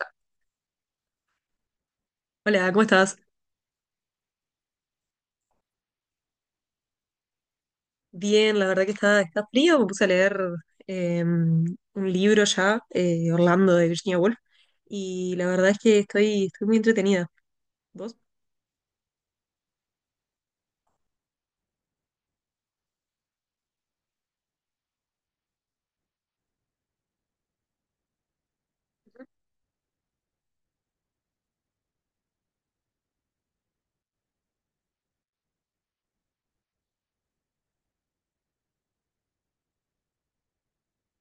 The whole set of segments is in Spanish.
Ya. Hola, ¿cómo estás? Bien, la verdad que está frío. Me puse a leer un libro ya, Orlando de Virginia Woolf, y la verdad es que estoy muy entretenida. ¿Vos?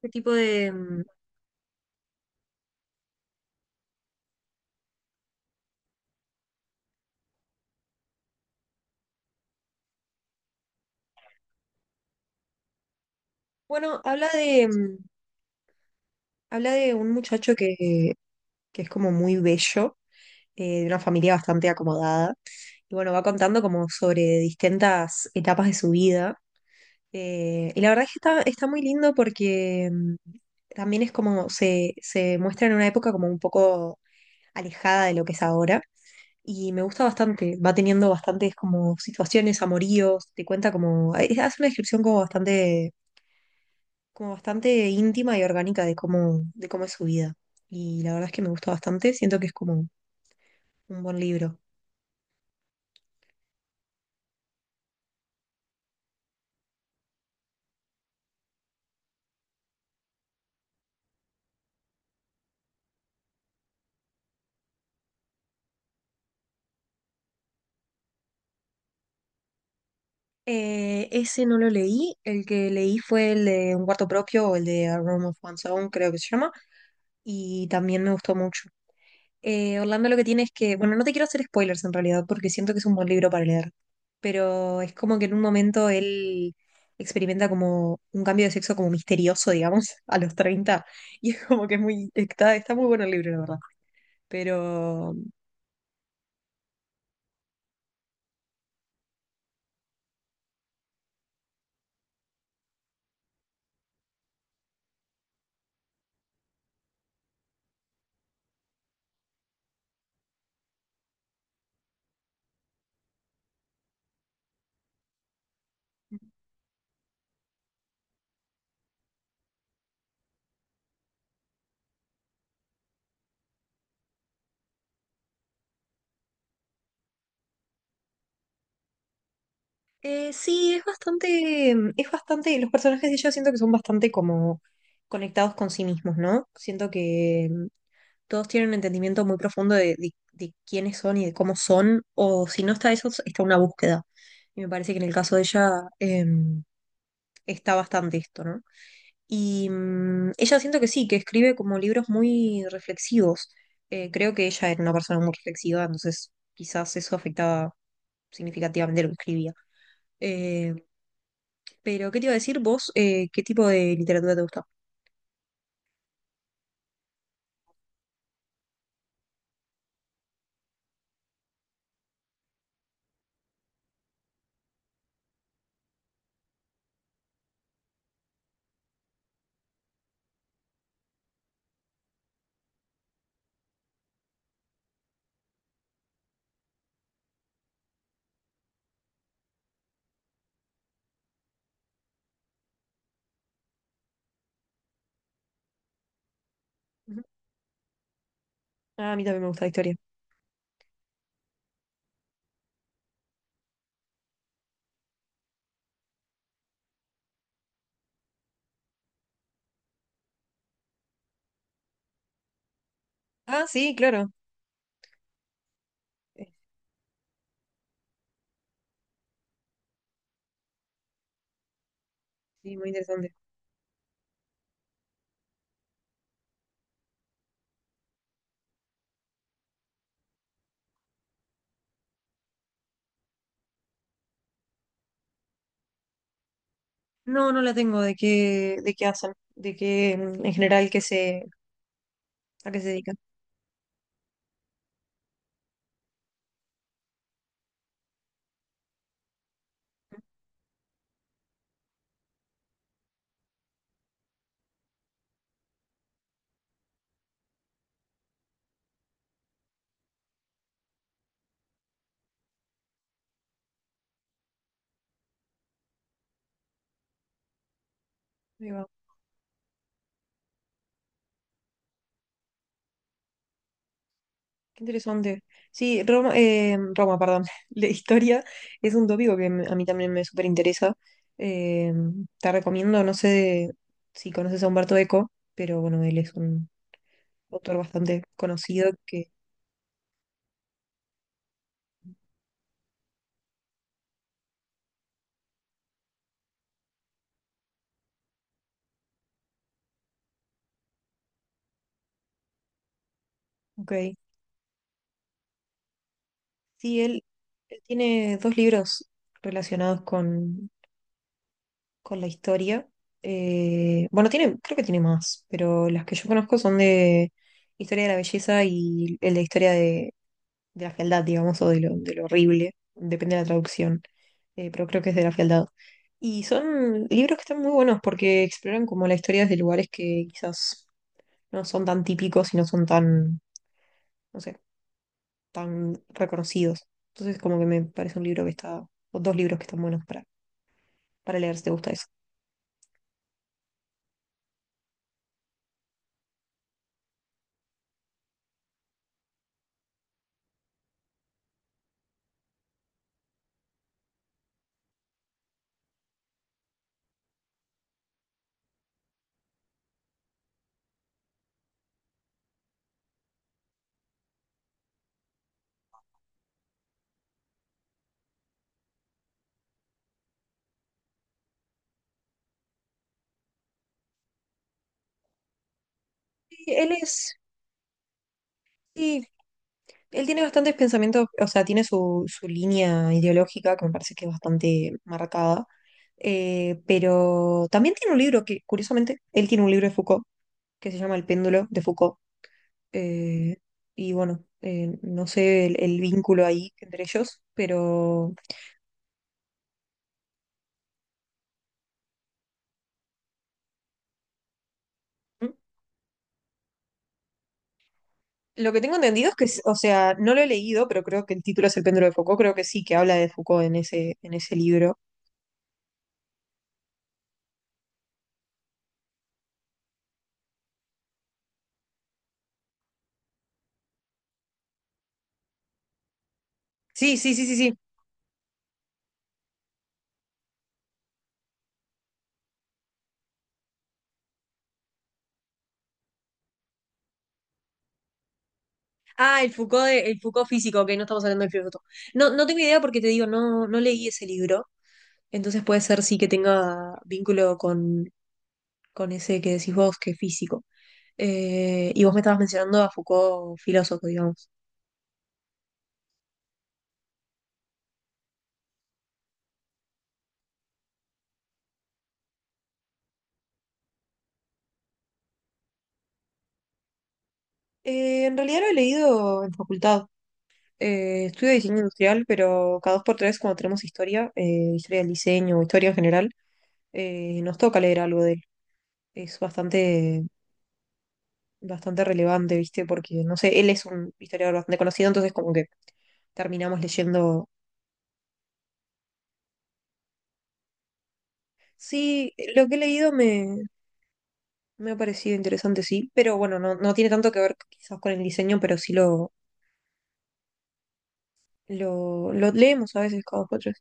¿Qué tipo de...? Bueno, habla de un muchacho que es como muy bello, de una familia bastante acomodada, y bueno, va contando como sobre distintas etapas de su vida. Y la verdad es que está muy lindo porque también es como se muestra en una época como un poco alejada de lo que es ahora. Y me gusta bastante, va teniendo bastantes como situaciones, amoríos, te cuenta como, hace una descripción como bastante íntima y orgánica de cómo es su vida. Y la verdad es que me gusta bastante, siento que es como un buen libro. Ese no lo leí, el que leí fue el de Un cuarto propio, o el de A Room of One's Own, creo que se llama, y también me gustó mucho. Orlando lo que tiene es que, bueno, no te quiero hacer spoilers en realidad, porque siento que es un buen libro para leer, pero es como que en un momento él experimenta como un cambio de sexo como misterioso, digamos, a los 30, y es como que está muy bueno el libro, la verdad. Pero sí, es bastante, los personajes de ella siento que son bastante como conectados con sí mismos, ¿no? Siento que todos tienen un entendimiento muy profundo de, de quiénes son y de cómo son, o si no está eso, está una búsqueda. Y me parece que en el caso de ella em, está bastante esto, ¿no? Y ella siento que sí, que escribe como libros muy reflexivos. Creo que ella era una persona muy reflexiva, entonces quizás eso afectaba significativamente lo que escribía. Eh, pero, ¿qué te iba a decir vos? ¿Qué tipo de literatura te gusta? Ujú. Ah, a mí también me gusta la historia. Ah, sí, claro. Eh, Sí, muy interesante. No, no la tengo de qué hacen, de qué en general qué se, a qué se dedican. Ahí va. Qué interesante. Sí, Roma, Roma, perdón. La historia es un tópico que a mí también me súper interesa. Eh, te recomiendo, no sé si conoces a Humberto Eco, pero bueno, él es un autor bastante conocido que. Ok. Sí, él tiene dos libros relacionados con, la historia. Bueno, tiene, creo que tiene más, pero las que yo conozco son de historia de la belleza y el de historia de la fealdad, digamos, o de lo horrible, depende de la traducción, pero creo que es de la fealdad. Y son libros que están muy buenos porque exploran como la historia desde lugares que quizás no son tan típicos y no son tan, no sé, tan reconocidos. Entonces como que me parece un libro que está, o dos libros que están buenos para leer si te gusta eso. Y él es... Sí, él tiene bastantes pensamientos, o sea, tiene su, su línea ideológica que me parece que es bastante marcada, pero también tiene un libro que, curiosamente, él tiene un libro de Foucault que se llama El péndulo de Foucault. eh, y bueno, no sé el vínculo ahí entre ellos, pero mm, lo que tengo entendido es que, o sea, no lo he leído, pero creo que el título es El péndulo de Foucault, creo que sí, que habla de Foucault en ese libro. Sí, sí, sí, sí, sí. Ah, el Foucault, el Foucault físico, que no estamos hablando del filósofo. No, no tengo idea porque te digo, no, no leí ese libro, entonces puede ser sí que tenga vínculo con ese que decís vos, que es físico. Y vos me estabas mencionando a Foucault filósofo, digamos. En realidad lo he leído en facultad. Estudio diseño industrial, pero cada dos por tres cuando tenemos historia, historia del diseño, historia en general, nos toca leer algo de él. Es bastante relevante, ¿viste? Porque, no sé, él es un historiador bastante conocido, entonces como que terminamos leyendo. Sí, lo que he leído me ha parecido interesante, sí, pero bueno, no, no tiene tanto que ver quizás con el diseño, pero sí lo leemos a veces cada cuatro.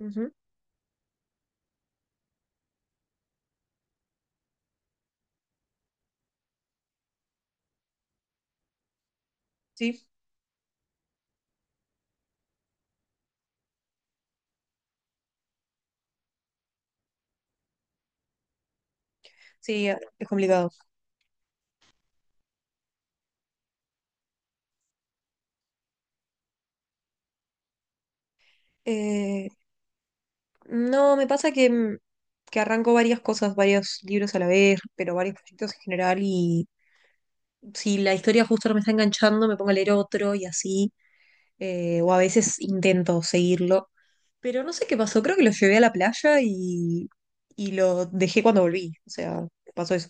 Ujú. Sí, sí, es complicado. Eh, no, me pasa que arranco varias cosas, varios libros a la vez, pero varios proyectos en general, y si la historia justo no me está enganchando, me pongo a leer otro y así, o a veces intento seguirlo. Pero no sé qué pasó, creo que lo llevé a la playa y lo dejé cuando volví. O sea, pasó eso.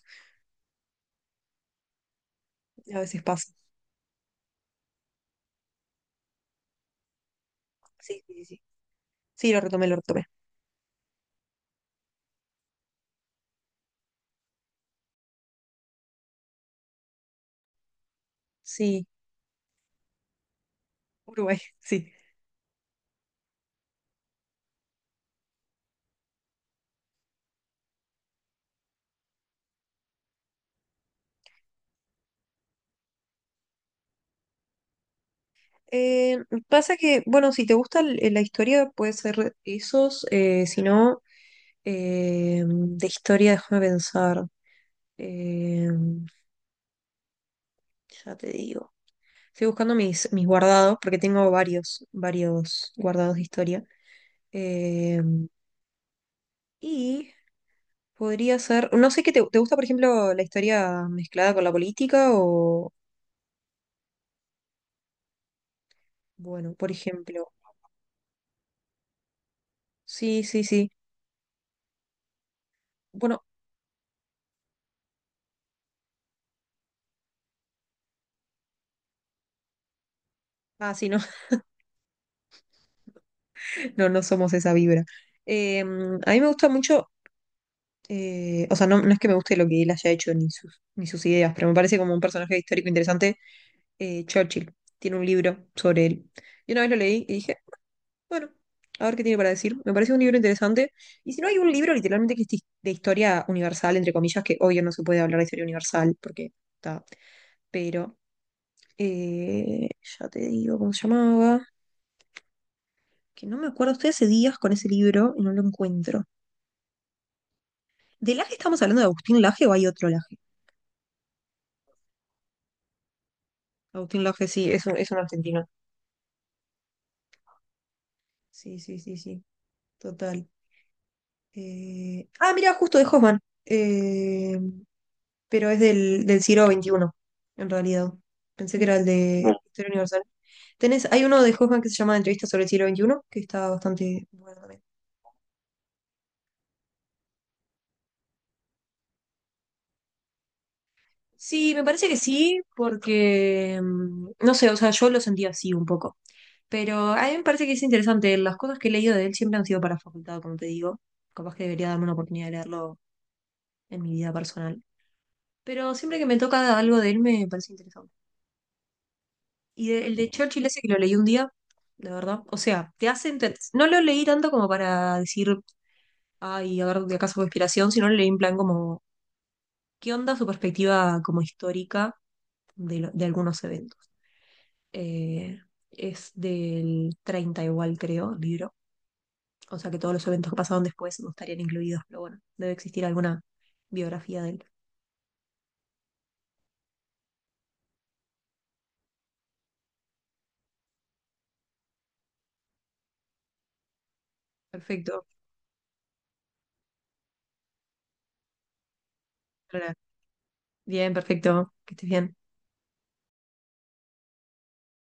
A veces pasa. Sí, sí, sí. Sí, sí, lo retomé, lo retomé. Sí, Uruguay, sí. Eh, pasa que, bueno, si te gusta la historia, puede ser esos. Si no, de historia, déjame pensar. Eh, ya te digo. Estoy buscando mis guardados, porque tengo varios guardados de historia. Eh, y podría ser, no sé qué te gusta, por ejemplo, la historia mezclada con la política o, bueno, por ejemplo, sí, sí, sí. Bueno, ah, sí, no, no, no somos esa vibra. A mí me gusta mucho, o sea, no, no es que me guste lo que él haya hecho ni sus ideas, pero me parece como un personaje histórico interesante. Churchill tiene un libro sobre él. Yo una vez lo leí y dije, bueno, a ver qué tiene para decir. Me parece un libro interesante. Y si no, hay un libro literalmente que es de historia universal, entre comillas, que hoy no se puede hablar de historia universal porque está. Pero eh, ya te digo cómo se llamaba. Que no me acuerdo. Estoy hace días con ese libro y no lo encuentro. ¿De Laje estamos hablando de Agustín Laje o hay otro Laje? Agustín Laje, sí, es un argentino. Sí, sí, sí, sí. Total. Ah, mira, justo de Hoffman. Eh, pero es del siglo XXI en realidad. Pensé que era el de No. Historia Universal. Tenés, hay uno de Hoffman que se llama Entrevista sobre el siglo XXI, que está bastante bueno también. Sí, me parece que sí, porque no sé, o sea, yo lo sentí así un poco. Pero a mí me parece que es interesante. Las cosas que he leído de él siempre han sido para facultad, como te digo. Capaz que debería darme una oportunidad de leerlo en mi vida personal. Pero siempre que me toca algo de él me parece interesante. Y el de Churchill ese que lo leí un día, la verdad. O sea, no lo leí tanto como para decir, ay, a ver de acá su inspiración, sino lo leí en plan como, ¿qué onda su perspectiva como histórica de algunos eventos? Eh, es del 30 igual, creo, el libro. O sea que todos los eventos que pasaron después no estarían incluidos, pero bueno, debe existir alguna biografía de él. Perfecto. Lola. Bien, perfecto. Que estés bien.